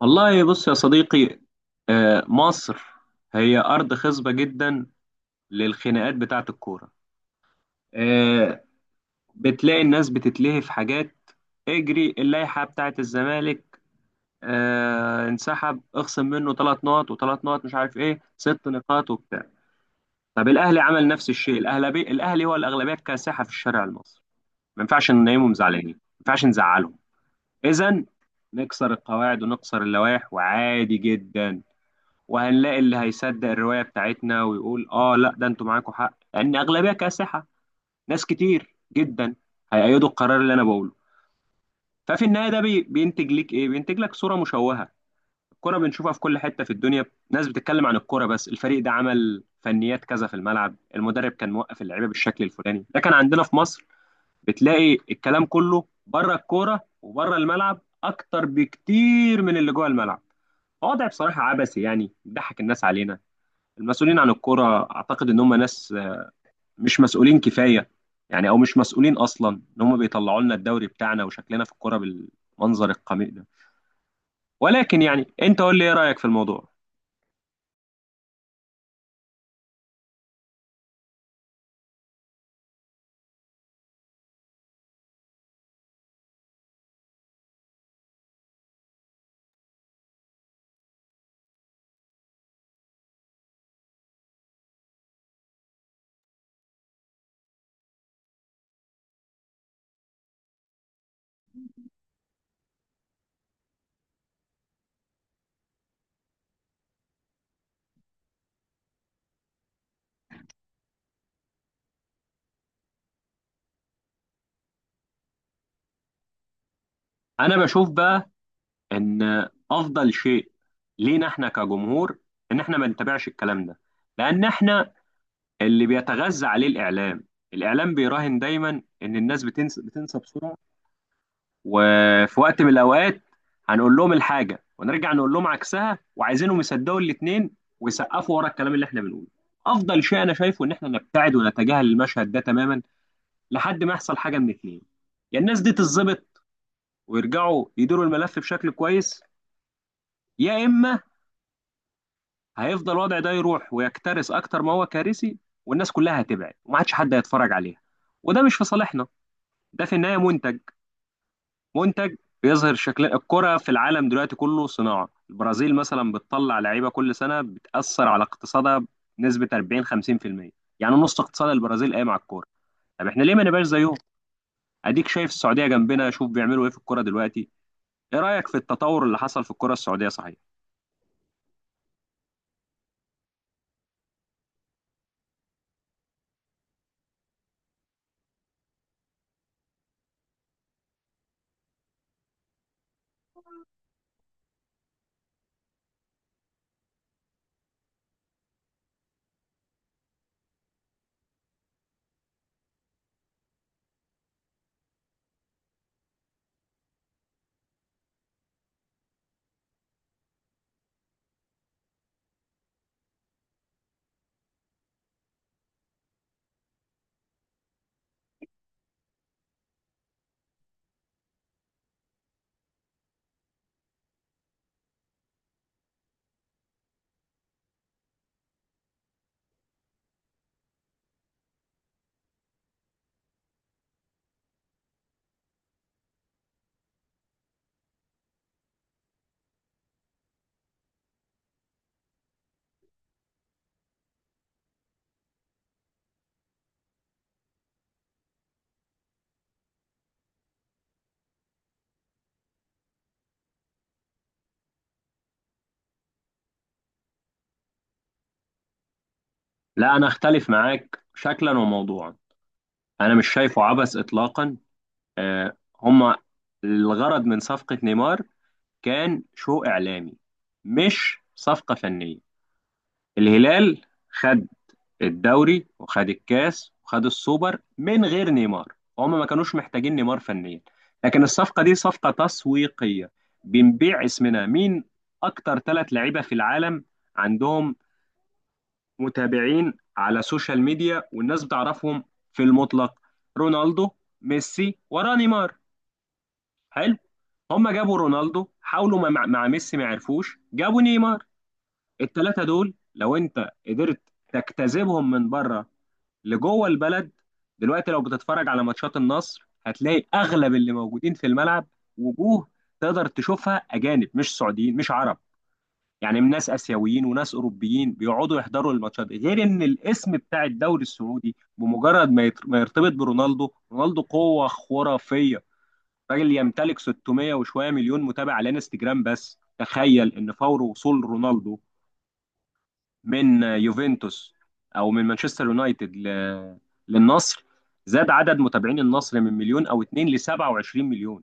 والله، بص يا صديقي. مصر هي أرض خصبة جدا للخناقات بتاعة الكورة. آه، بتلاقي الناس بتتلهي في حاجات، اجري اللائحة بتاعة الزمالك، انسحب اخصم منه 3 نقط وثلاث نقط، مش عارف ايه، 6 نقاط وبتاع. طب الأهلي عمل نفس الشيء. الأهلي هو الأغلبية الكاسحة في الشارع المصري، ما ينفعش ننيمهم زعلانين، ما ينفعش نزعلهم. إذا نكسر القواعد ونكسر اللوائح وعادي جدا، وهنلاقي اللي هيصدق الرواية بتاعتنا ويقول اه لا ده انتوا معاكم حق لان اغلبية كاسحة، ناس كتير جدا هيأيدوا القرار اللي انا بقوله. ففي النهاية ده بينتج لك ايه؟ بينتج لك صورة مشوهة. الكرة بنشوفها في كل حتة في الدنيا، ناس بتتكلم عن الكرة بس، الفريق ده عمل فنيات كذا في الملعب، المدرب كان موقف اللعيبة بالشكل الفلاني. لكن عندنا في مصر بتلاقي الكلام كله بره الكورة وبره الملعب اكتر بكتير من اللي جوه الملعب. وضع بصراحة عبثي، يعني بيضحك الناس علينا. المسؤولين عن الكرة اعتقد ان هم ناس مش مسؤولين كفاية، يعني او مش مسؤولين اصلا ان هم بيطلعوا لنا الدوري بتاعنا وشكلنا في الكرة بالمنظر القميء ده. ولكن يعني انت قول لي، ايه رأيك في الموضوع؟ انا بشوف بقى ان افضل شيء لينا احنا كجمهور ان احنا ما نتابعش الكلام ده، لان احنا اللي بيتغذى عليه الاعلام. الاعلام بيراهن دايما ان الناس بتنسى، بتنسى بسرعة. وفي وقت من الاوقات هنقول لهم الحاجه ونرجع نقول لهم عكسها وعايزينهم يصدقوا الاثنين ويسقفوا ورا الكلام اللي احنا بنقوله. افضل شيء انا شايفه ان احنا نبتعد ونتجاهل المشهد ده تماما لحد ما يحصل حاجه من اثنين: يا الناس دي تتظبط ويرجعوا يديروا الملف بشكل كويس، يا اما هيفضل الوضع ده يروح ويكترث اكتر ما هو كارثي والناس كلها هتبعد وما عادش حد هيتفرج عليها، وده مش في صالحنا. ده في النهايه منتج. منتج بيظهر شكل الكرة في العالم دلوقتي كله. صناعة البرازيل مثلا بتطلع لعيبة كل سنة بتأثر على اقتصادها بنسبة 40 50%. يعني نص اقتصاد البرازيل قايم على الكورة. طب احنا ليه ما نبقاش زيهم؟ اديك شايف السعودية جنبنا، شوف بيعملوا ايه في الكورة دلوقتي. ايه رأيك في التطور اللي حصل في الكورة السعودية صحيح؟ لا، انا اختلف معاك شكلا وموضوعا. انا مش شايفه عبث اطلاقا. آه هما الغرض من صفقة نيمار كان شو اعلامي، مش صفقة فنية. الهلال خد الدوري وخد الكاس وخد السوبر من غير نيمار، هم ما كانوش محتاجين نيمار فنيا. لكن الصفقة دي صفقة تسويقية. بنبيع اسمنا. مين أكتر 3 لعيبة في العالم عندهم متابعين على سوشيال ميديا والناس بتعرفهم في المطلق؟ رونالدو، ميسي، ورا نيمار. حلو. هم جابوا رونالدو، حاولوا مع ميسي ما عرفوش، جابوا نيمار. الثلاثة دول لو انت قدرت تجتذبهم من بره لجوه البلد. دلوقتي لو بتتفرج على ماتشات النصر هتلاقي اغلب اللي موجودين في الملعب، وجوه تقدر تشوفها اجانب مش سعوديين مش عرب، يعني من ناس اسيويين وناس اوروبيين بيقعدوا يحضروا الماتشات. غير ان الاسم بتاع الدوري السعودي بمجرد ما ما يرتبط برونالدو. رونالدو قوة خرافية، راجل يمتلك 600 وشوية مليون متابع على انستجرام. بس تخيل ان فور وصول رونالدو من يوفنتوس او من مانشستر يونايتد للنصر، زاد عدد متابعين النصر من مليون او اتنين ل 27 مليون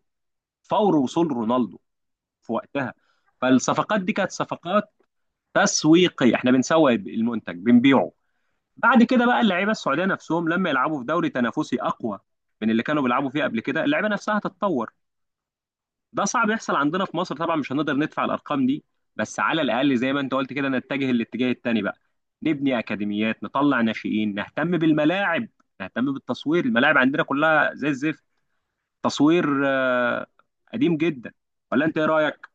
فور وصول رونالدو في وقتها. فالصفقات دي كانت صفقات تسويقية، احنا بنسوق المنتج بنبيعه. بعد كده بقى اللعيبه السعوديه نفسهم لما يلعبوا في دوري تنافسي اقوى من اللي كانوا بيلعبوا فيه قبل كده، اللعيبه نفسها هتتطور. ده صعب يحصل عندنا في مصر طبعا، مش هنقدر ندفع الارقام دي. بس على الاقل زي ما انت قلت كده، نتجه الاتجاه التاني بقى. نبني اكاديميات، نطلع ناشئين، نهتم بالملاعب، نهتم بالتصوير. الملاعب عندنا كلها زي الزفت، تصوير قديم جدا. ولا انت ايه رايك؟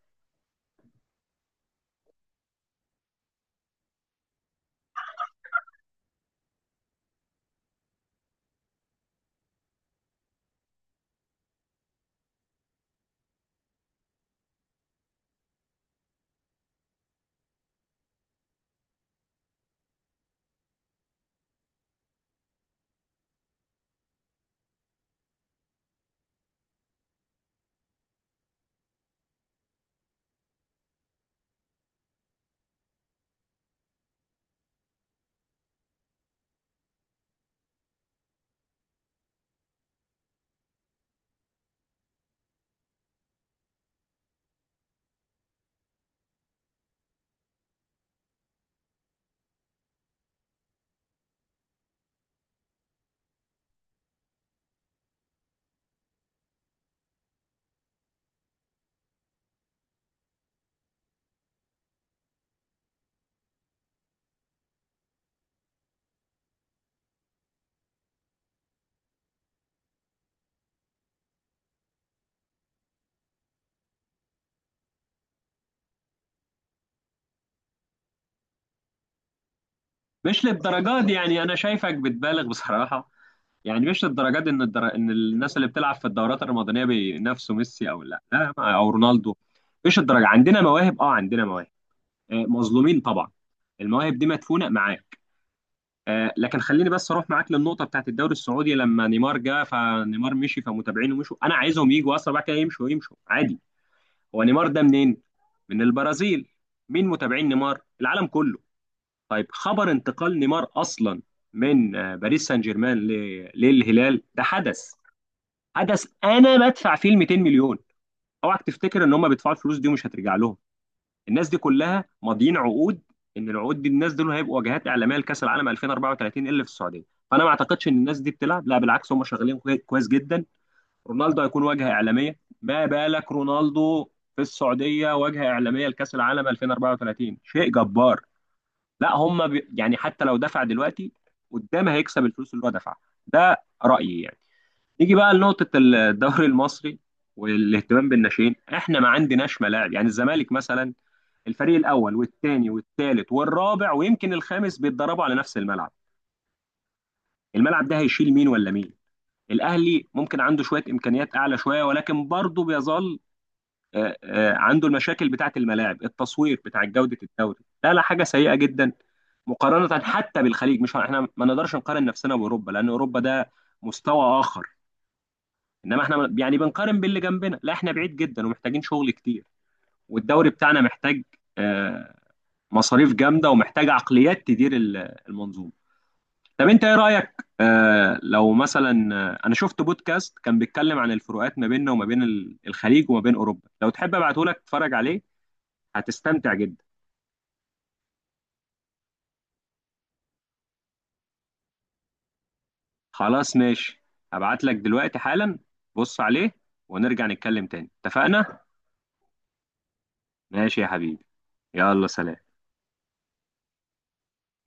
مش للدرجات دي، يعني انا شايفك بتبالغ بصراحه. يعني مش للدرجات دي ان ان الناس اللي بتلعب في الدورات الرمضانيه بينافسوا ميسي او لا لا او رونالدو. مش الدرجه. عندنا مواهب، اه عندنا مواهب، مظلومين طبعا. المواهب دي مدفونه معاك. لكن خليني بس اروح معاك للنقطه بتاعت الدوري السعودي. لما نيمار جه فنيمار مشي فمتابعينه مشوا، انا عايزهم يجوا اصلا، بعد كده يمشوا يمشوا عادي. هو نيمار ده منين؟ من البرازيل. مين متابعين نيمار؟ العالم كله. طيب، خبر انتقال نيمار اصلا من باريس سان جيرمان للهلال ده حدث. حدث انا بدفع فيه ال 200 مليون. اوعك تفتكر ان هم بيدفعوا الفلوس دي ومش هترجع لهم. الناس دي كلها ماضيين عقود ان العقود دي الناس دول هيبقوا واجهات اعلاميه لكاس العالم 2034 اللي في السعوديه. فانا ما اعتقدش ان الناس دي بتلعب، لا بالعكس، هم شغالين كويس جدا. رونالدو هيكون واجهه اعلاميه. ما بالك رونالدو في السعوديه واجهه اعلاميه لكاس العالم 2034؟ شيء جبار. لا هم بي... يعني حتى لو دفع دلوقتي، قدام هيكسب الفلوس اللي هو دفعها. ده رايي يعني. نيجي بقى لنقطة الدوري المصري والاهتمام بالناشئين. احنا ما عندناش ملاعب، يعني الزمالك مثلا الفريق الأول والثاني والثالث والرابع ويمكن الخامس بيتدربوا على نفس الملعب. الملعب ده هيشيل مين ولا مين؟ الأهلي ممكن عنده شوية إمكانيات أعلى شوية ولكن برضه بيظل عنده المشاكل بتاعة الملاعب، التصوير بتاع، جودة الدوري. لا لا، حاجة سيئة جدا مقارنة حتى بالخليج. مش احنا ما نقدرش نقارن نفسنا بأوروبا لأن أوروبا ده مستوى آخر، انما احنا يعني بنقارن باللي جنبنا، لا احنا بعيد جدا ومحتاجين شغل كتير. والدوري بتاعنا محتاج آه، مصاريف جامده، ومحتاج عقليات تدير المنظومه. طب انت ايه رايك؟ لو مثلا، انا شفت بودكاست كان بيتكلم عن الفروقات ما بيننا وما بين الخليج وما بين اوروبا. لو تحب ابعته لك تتفرج عليه، هتستمتع جدا. خلاص ماشي، هبعت لك دلوقتي حالا. بص عليه ونرجع نتكلم تاني، اتفقنا؟ ماشي يا حبيبي، يلا سلام.